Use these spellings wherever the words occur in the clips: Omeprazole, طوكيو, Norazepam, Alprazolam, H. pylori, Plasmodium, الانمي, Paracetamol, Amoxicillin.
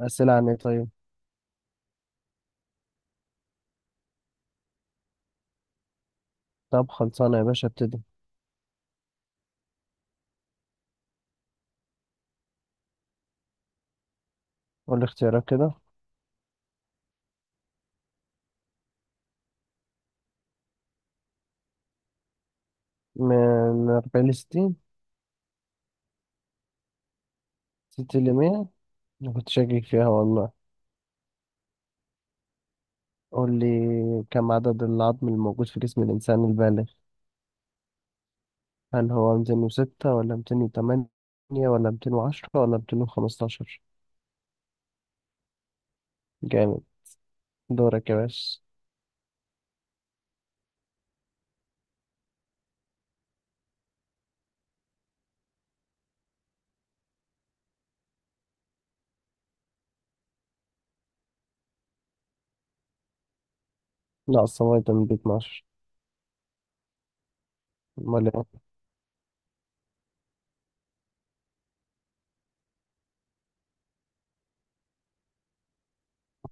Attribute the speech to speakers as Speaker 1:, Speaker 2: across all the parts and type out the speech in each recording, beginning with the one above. Speaker 1: أسئلة عن إيه طيب؟ طب خلصانة يا باشا ابتدي. قول لي اختيارات كده. من 40 ل60. ستين ل100. أنا كنت شاكك فيها والله. قول لي، كم عدد العظم الموجود في جسم الإنسان البالغ؟ هل هو 206 ولا 208 ولا 210 ولا 215؟ جامد. دورك يا باشا. ناقصة فيتامين بي 12. أمال إيه؟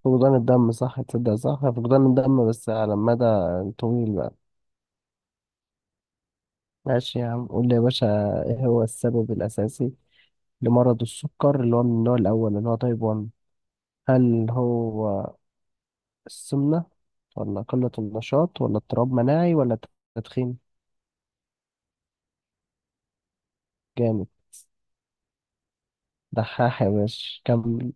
Speaker 1: فقدان الدم صح، تصدق صح، فقدان الدم بس على مدى طويل بقى. ماشي يا عم، قول لي يا باشا، إيه هو السبب الأساسي لمرض السكر اللي هو من النوع الأول اللي هو تايب 1؟ هل هو السمنة ولا قلة النشاط ولا اضطراب مناعي ولا تدخين؟ جامد. دحاح يا باشا. كم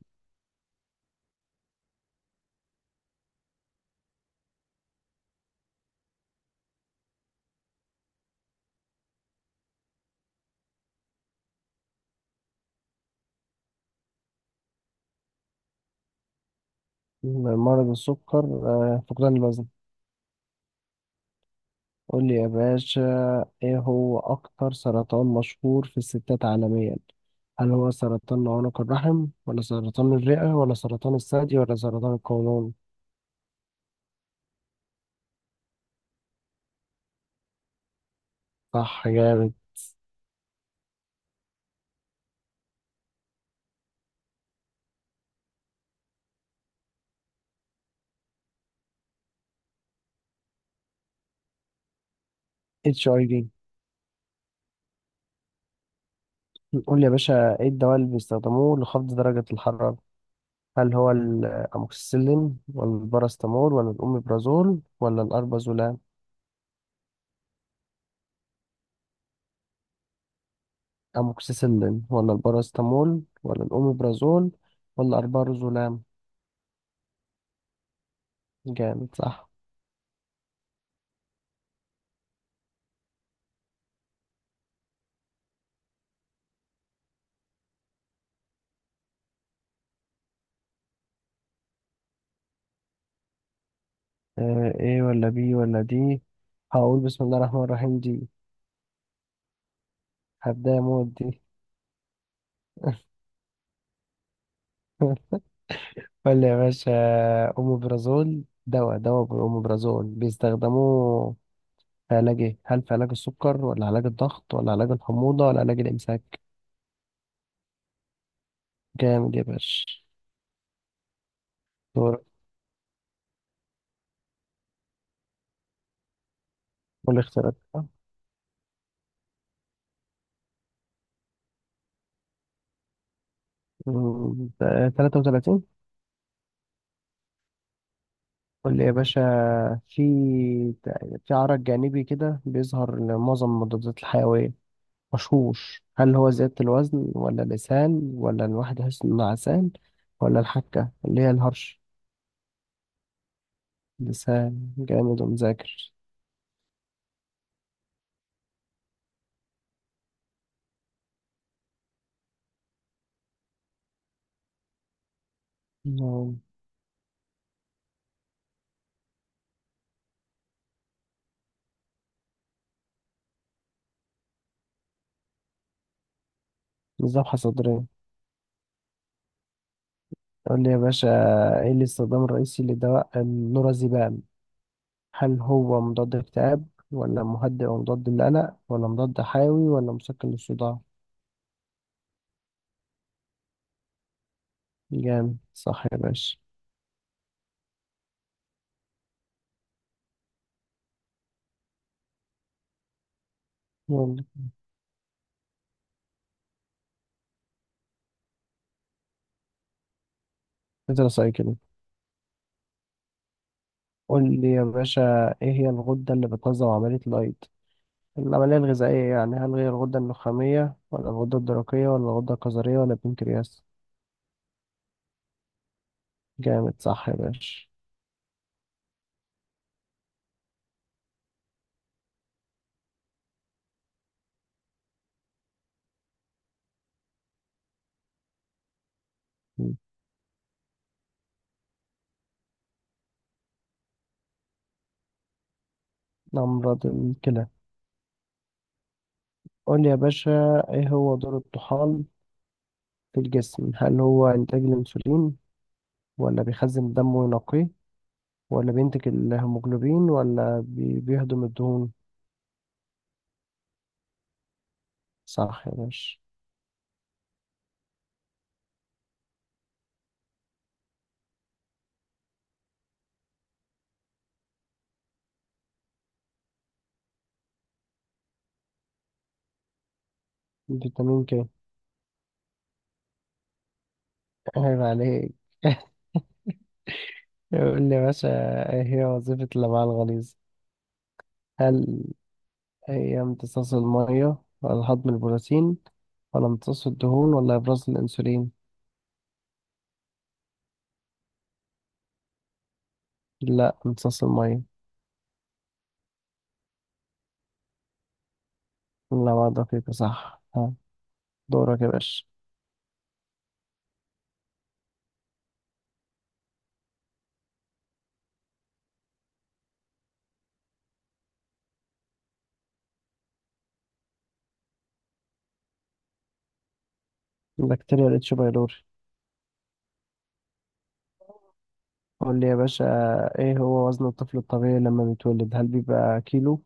Speaker 1: مرض السكر، فقدان الوزن. قول لي يا باشا، ايه هو أكتر سرطان مشهور في الستات عالميا؟ هل هو سرطان عنق الرحم ولا سرطان الرئة ولا سرطان الثدي ولا سرطان القولون؟ صح جامد. اتش اي في. قول لي يا باشا، ايه الدواء اللي بيستخدموه لخفض درجة الحرارة؟ هل هو الأموكسيسيلين ولا الباراسيتامول ولا الأوميبرازول ولا الأربازولام؟ أموكسيسيلين ولا الباراسيتامول ولا الأوميبرازول ولا الأربازولام. جامد صح. إيه، ولا بي ولا دي. هقول بسم الله الرحمن الرحيم دي. هبدأ موت دي. ولا يا باشا. أوميبرازول، دواء بالأوميبرازول بيستخدموه في علاج إيه؟ هل في علاج السكر ولا علاج الضغط ولا علاج الحموضة ولا علاج الإمساك؟ جامد يا باشا. دورك. قول اختيارات. 33. قول لي يا باشا، في في عرق جانبي كده بيظهر لمعظم المضادات الحيوية مشهوش. هل هو زيادة الوزن ولا لسان ولا الواحد يحس إنه عسان ولا الحكة اللي هي الهرش؟ لسان. جامد ومذاكر. مم، مذبحة صدرية. قول لي يا باشا، ايه الاستخدام الرئيسي لدواء النورازيبام؟ هل هو مضاد اكتئاب ولا مهدئ ومضاد للقلق ولا مضاد حيوي ولا مسكن للصداع؟ جامد صح يا باشا. يلا. ادرس سؤال كده. قول لي يا باشا، ايه هي الغدة اللي بتنظم عملية الأيض؟ العملية الغذائية يعني. هل هي الغدة النخامية ولا الغدة الدرقية ولا الغدة الكظرية ولا البنكرياس؟ جامد صح يا باشا. مم. أمراض الكلى. قول لي يا باشا، ايه هو دور الطحال في الجسم؟ هل هو إنتاج الأنسولين ولا بيخزن الدم وينقيه ولا بينتج الهيموجلوبين ولا بيهضم الدهون؟ صح يا باشا. فيتامين ك. فاهم عليك. يقول لي باشا، ايه هي وظيفة الأمعاء الغليظة؟ هل هي امتصاص المية ولا هضم البروتين ولا امتصاص الدهون ولا إبراز الأنسولين؟ لا، امتصاص المية. الأمعاء الدقيقة صح. ها. دورك يا باشا. بكتيريا الاتش بايلوري. قول لي يا باشا، ايه هو وزن الطفل الطبيعي لما بيتولد؟ هل بيبقى كيلو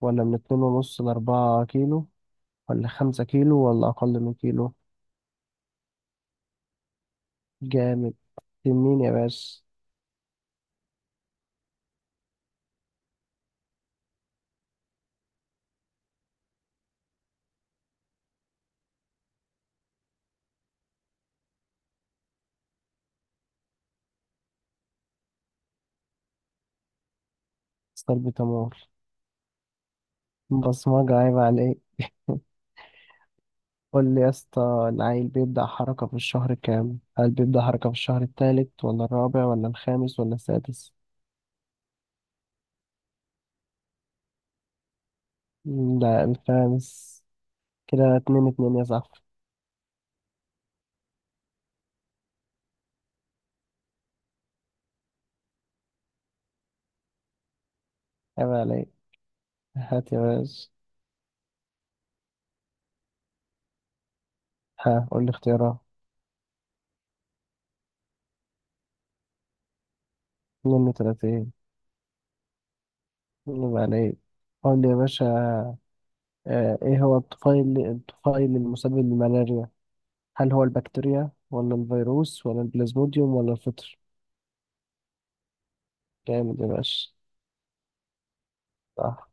Speaker 1: ولا من 2.5 ل4 كيلو ولا 5 كيلو ولا أقل من كيلو؟ جامد. تنين يا باشا. استر بتمور. بصمجة، عيب عليك. قول لي يا اسطى، العيل بيبدأ حركة في الشهر كام؟ هل بيبدأ حركة في الشهر التالت ولا الرابع ولا الخامس ولا السادس؟ لا، الخامس. كده 2-2 يا صاحبي. عيب عليك. هات يا باشا. ها، قول لي اختيارات. 32. عيب عليك. قول لي يا باشا، ايه هو الطفيل المسبب للملاريا؟ هل هو البكتيريا ولا الفيروس ولا البلازموديوم ولا الفطر؟ جامد يا باشا. صح.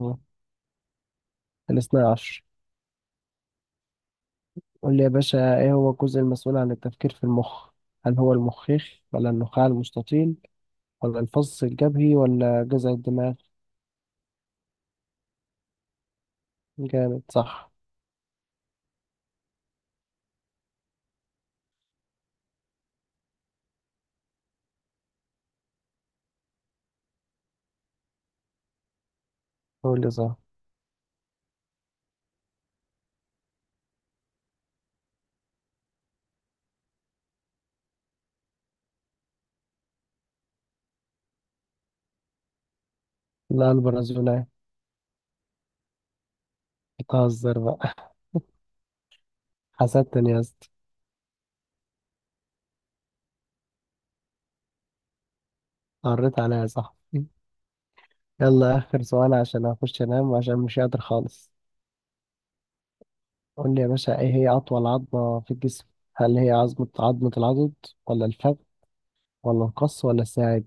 Speaker 1: مم. 12. قول لي يا باشا، ايه هو الجزء المسؤول عن التفكير في المخ؟ هل هو المخيخ ولا النخاع المستطيل ولا الفص الجبهي ولا جذع الدماغ؟ جامد صح. قول لي صح. لا، البرازيلية. بتهزر بقى. حسدتني يا اسطى. قريت عليها صح. يلا اخر سؤال عشان اخش انام وعشان مش قادر خالص. قول لي يا باشا، ايه هي اطول عظمة في الجسم؟ هل هي عظمة العضد ولا الفخذ ولا القص ولا الساعد؟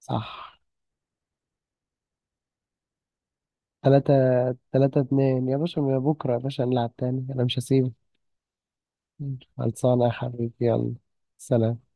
Speaker 1: صح. تلاتة. 3-2 يا باشا. من بكرة يا باشا هنلعب تاني، أنا مش هسيبك. خلصانة يا حبيبي. يلا. سلام.